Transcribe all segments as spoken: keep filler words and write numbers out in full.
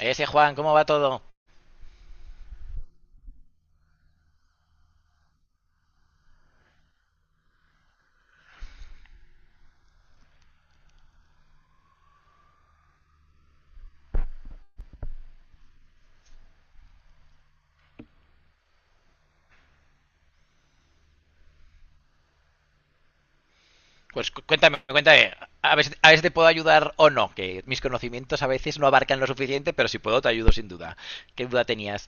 Ese Juan, ¿cómo va todo? Pues cuéntame, cuéntame. A ver, si- a ver si te puedo ayudar o no, que mis conocimientos a veces no abarcan lo suficiente, pero si puedo te ayudo sin duda. ¿Qué duda tenías?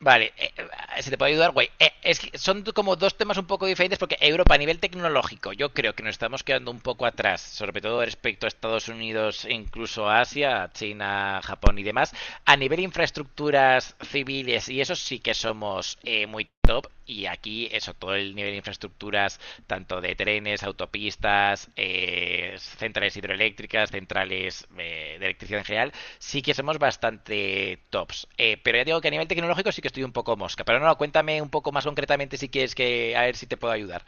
Vale, eh, eh, si te puedo ayudar, güey. Eh, es que son como dos temas un poco diferentes porque Europa a nivel tecnológico yo creo que nos estamos quedando un poco atrás, sobre todo respecto a Estados Unidos, e incluso a Asia, China, Japón y demás. A nivel infraestructuras civiles y eso sí que somos eh, muy top, y aquí eso, todo el nivel de infraestructuras, tanto de trenes, autopistas, eh, centrales hidroeléctricas, centrales eh, de electricidad en general, sí que somos bastante tops. Eh, pero ya digo que a nivel tecnológico sí que estoy un poco mosca. Pero no, cuéntame un poco más concretamente si quieres que, a ver si te puedo ayudar.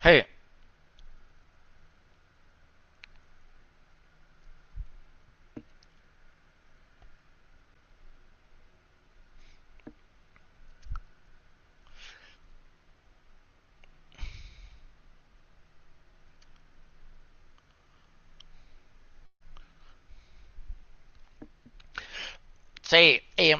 Hey. Sí, eh,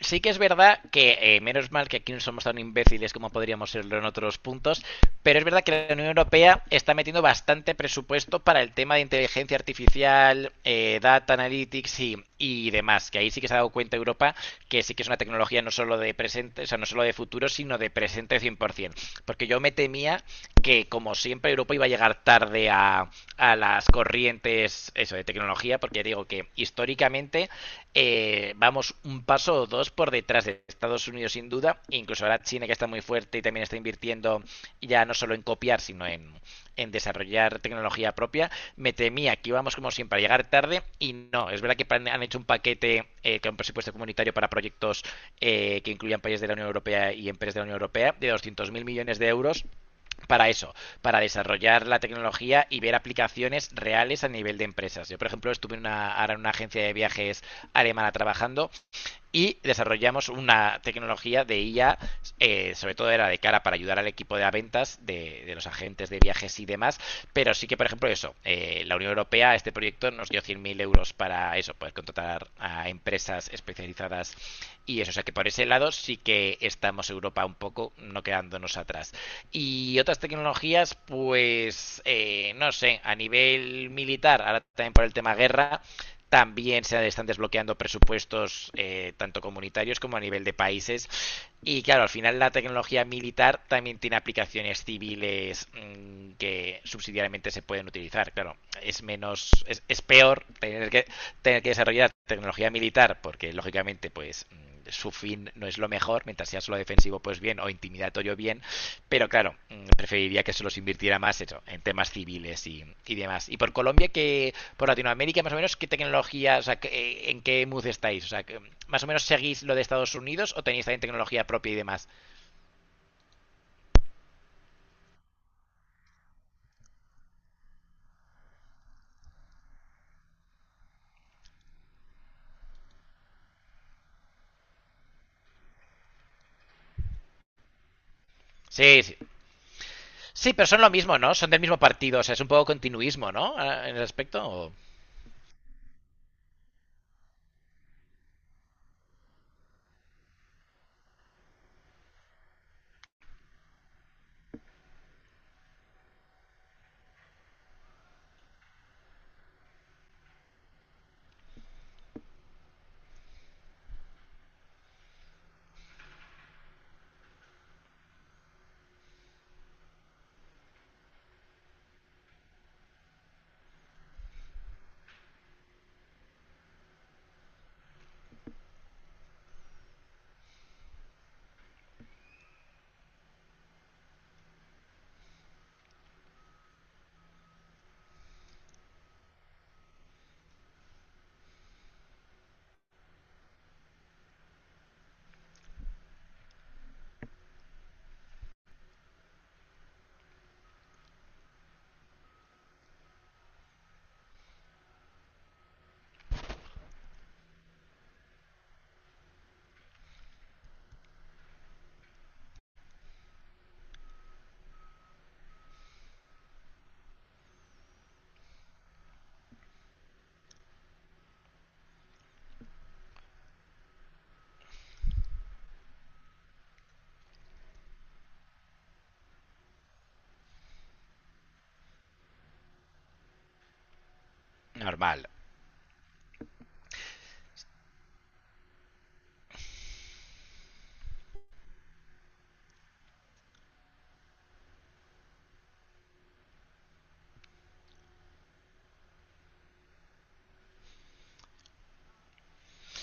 sí que es verdad que eh, menos mal que aquí no somos tan imbéciles como podríamos serlo en otros puntos, pero es verdad que la Unión Europea está metiendo bastante presupuesto para el tema de inteligencia artificial, eh, data analytics y, y demás, que ahí sí que se ha dado cuenta Europa que sí que es una tecnología no solo de presente, o sea, no solo de futuro, sino de presente cien por ciento, porque yo me temía que como siempre Europa iba a llegar tarde a, a las corrientes eso de tecnología, porque ya digo que históricamente eh, vamos un paso o dos por detrás de Estados Unidos sin duda, e incluso ahora China, que está muy fuerte y también está invirtiendo ya no solo en copiar, sino en, en desarrollar tecnología propia. Me temía que íbamos como siempre a llegar tarde y no, es verdad que han hecho un paquete eh, con presupuesto comunitario para proyectos eh, que incluyan países de la Unión Europea y empresas de la Unión Europea de doscientos mil millones de euros para eso, para desarrollar la tecnología y ver aplicaciones reales a nivel de empresas. Yo, por ejemplo, estuve en una, ahora en una agencia de viajes alemana trabajando y desarrollamos una tecnología de I A, eh, sobre todo era de cara para ayudar al equipo de ventas de, de, los agentes de viajes y demás, pero sí que, por ejemplo, eso, eh, la Unión Europea, este proyecto nos dio cien mil euros para eso, poder contratar a empresas especializadas y eso, o sea que por ese lado sí que estamos Europa un poco no quedándonos atrás. Y otras tecnologías, pues, eh, no sé, a nivel militar, ahora también por el tema guerra, también se están desbloqueando presupuestos eh, tanto comunitarios como a nivel de países. Y claro, al final la tecnología militar también tiene aplicaciones civiles mmm, que subsidiariamente se pueden utilizar. Claro, es menos, es, es peor tener que, tener que desarrollar tecnología militar porque lógicamente pues mm, su fin no es lo mejor, mientras sea solo defensivo, pues bien, o intimidatorio, bien, pero claro, mm, preferiría que se los invirtiera más eso, en temas civiles y, y demás. Y por Colombia, que por Latinoamérica, más o menos, ¿qué tecnología, o sea, que- eh, en qué mood estáis? O sea, que, mm, ¿más o menos seguís lo de Estados Unidos o tenéis también tecnología propia y demás? Sí, sí. Sí, pero son lo mismo, ¿no? Son del mismo partido, o sea, es un poco continuismo, ¿no? Ah, en el aspecto o- Normal.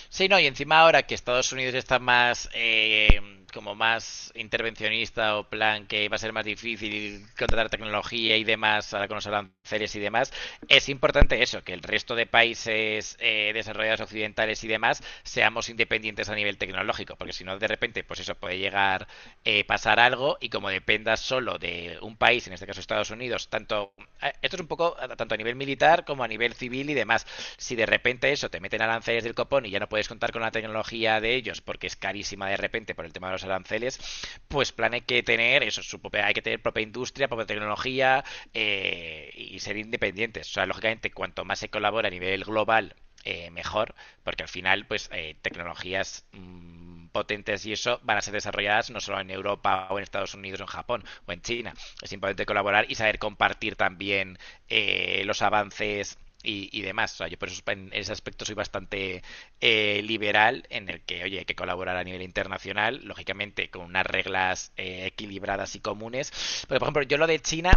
Sí, no, y encima ahora que Estados Unidos está más eh, como más intervencionista, o plan que va a ser más difícil contratar tecnología y demás ahora con los aranceles y demás, es importante eso, que el resto de países eh, desarrollados occidentales y demás seamos independientes a nivel tecnológico, porque si no de repente pues eso puede llegar eh, pasar algo y, como dependas solo de un país, en este caso Estados Unidos, tanto eh, esto es un poco eh, tanto a nivel militar como a nivel civil y demás, si de repente eso te meten aranceles del copón y ya no puedes contar con la tecnología de ellos porque es carísima de repente por el tema de los aranceles, pues plan hay que tener eso, su propia, hay que tener propia industria, propia tecnología eh, y ser independientes. O sea, lógicamente, cuanto más se colabora a nivel global, eh, mejor, porque al final, pues, eh, tecnologías mmm, potentes y eso van a ser desarrolladas no solo en Europa o en Estados Unidos o en Japón o en China. Es importante colaborar y saber compartir también eh, los avances y, y, demás. O sea, yo por eso en ese aspecto soy bastante eh, liberal en el que, oye, hay que colaborar a nivel internacional, lógicamente con unas reglas eh, equilibradas y comunes. Pero, por ejemplo, yo lo de China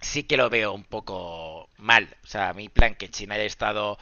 sí que lo veo un poco mal. O sea, mi plan que China haya estado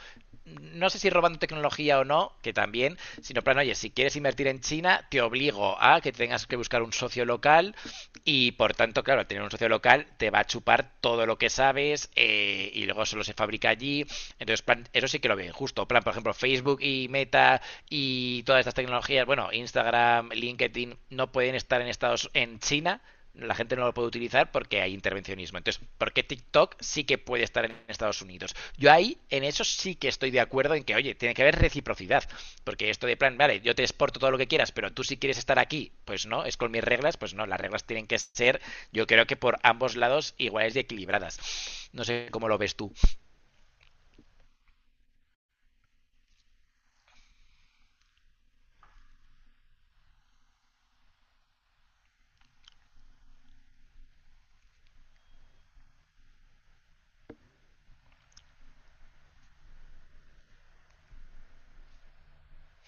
no sé si robando tecnología o no, que también, sino plan, oye, si quieres invertir en China, te obligo a que tengas que buscar un socio local, y por tanto, claro, al tener un socio local te va a chupar todo lo que sabes, eh, y luego solo se fabrica allí. Entonces, plan, eso sí que lo veo injusto. Plan, por ejemplo, Facebook y Meta y todas estas tecnologías, bueno, Instagram, LinkedIn, no pueden estar en Estados en China. La gente no lo puede utilizar porque hay intervencionismo. Entonces, ¿por qué TikTok sí que puede estar en Estados Unidos? Yo ahí, en eso sí que estoy de acuerdo en que, oye, tiene que haber reciprocidad. Porque esto de plan, vale, yo te exporto todo lo que quieras, pero tú si quieres estar aquí, pues no, es con mis reglas, pues no, las reglas tienen que ser, yo creo que por ambos lados, iguales y equilibradas. No sé cómo lo ves tú.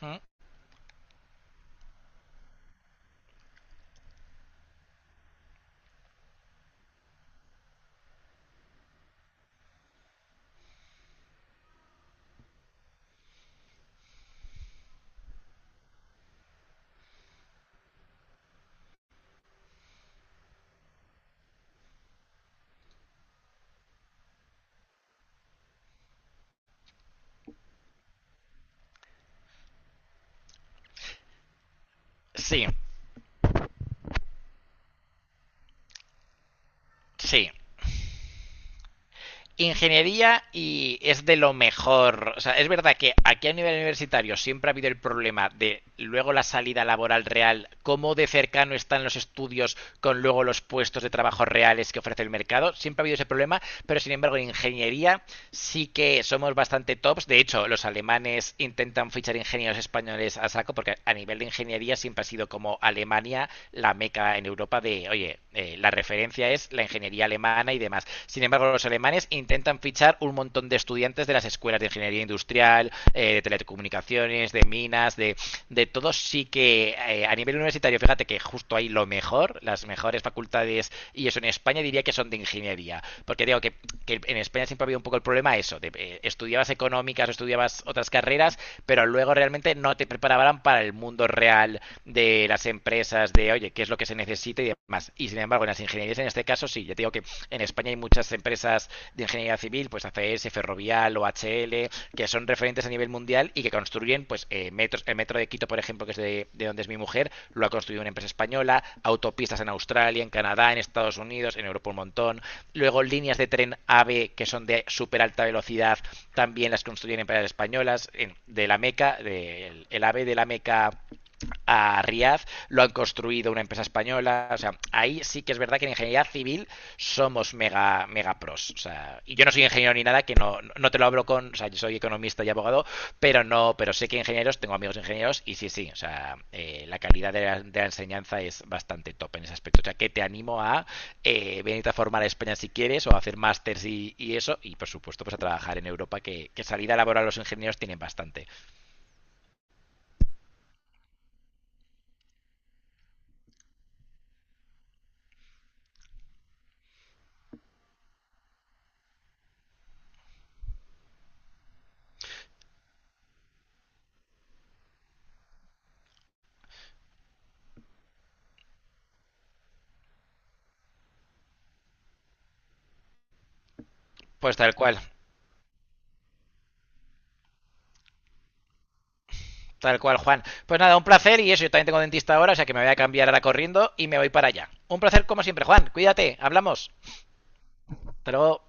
¿Mm? Sí, sí. Ingeniería y es de lo mejor. O sea, es verdad que aquí a nivel universitario siempre ha habido el problema de luego la salida laboral real, cómo de cercano están los estudios con luego los puestos de trabajo reales que ofrece el mercado. Siempre ha habido ese problema, pero sin embargo en ingeniería sí que somos bastante tops. De hecho, los alemanes intentan fichar ingenieros españoles a saco porque a nivel de ingeniería siempre ha sido como Alemania la meca en Europa de, oye, eh, la referencia es la ingeniería alemana y demás. Sin embargo, los alemanes intentan fichar un montón de estudiantes de las escuelas de ingeniería industrial, eh, de telecomunicaciones, de minas, de, de todo. Sí que eh, a nivel universitario, fíjate que justo ahí lo mejor, las mejores facultades y eso en España, diría que son de ingeniería. Porque digo que, que en España siempre ha habido un poco el problema eso, de, eh, estudiabas económicas o estudiabas otras carreras, pero luego realmente no te preparaban para el mundo real de las empresas, de oye, qué es lo que se necesita y demás. Y sin embargo, en las ingenierías en este caso sí, ya te digo que en España hay muchas empresas de ingeniería civil, pues A C S, Ferrovial o H L, que son referentes a nivel mundial y que construyen pues eh, metros metros, el metro de Quito, por ejemplo, que es de, de donde es mi mujer, lo ha construido una empresa española, autopistas en Australia, en Canadá, en Estados Unidos, en Europa un montón. Luego líneas de tren AVE, que son de súper alta velocidad, también las construyen empresas españolas, en, de la Meca, de, el, el AVE de la Meca a Riad, lo han construido una empresa española. O sea, ahí sí que es verdad que en ingeniería civil somos mega, mega pros. O sea, y yo no soy ingeniero ni nada, que no, no te lo hablo con. O sea, yo soy economista y abogado, pero no, pero sé que ingenieros, tengo amigos ingenieros, y sí, sí. O sea, eh, la calidad de la, de la, enseñanza es bastante top en ese aspecto. O sea, que te animo a eh, venirte a formar a España si quieres, o a hacer másters y, y, eso, y por supuesto, pues a trabajar en Europa, que, que salida laboral los ingenieros tienen bastante. Pues tal cual. Tal cual, Juan. Pues nada, un placer y eso, yo también tengo dentista ahora, o sea que me voy a cambiar ahora corriendo y me voy para allá. Un placer como siempre, Juan. Cuídate, hablamos. Hasta luego.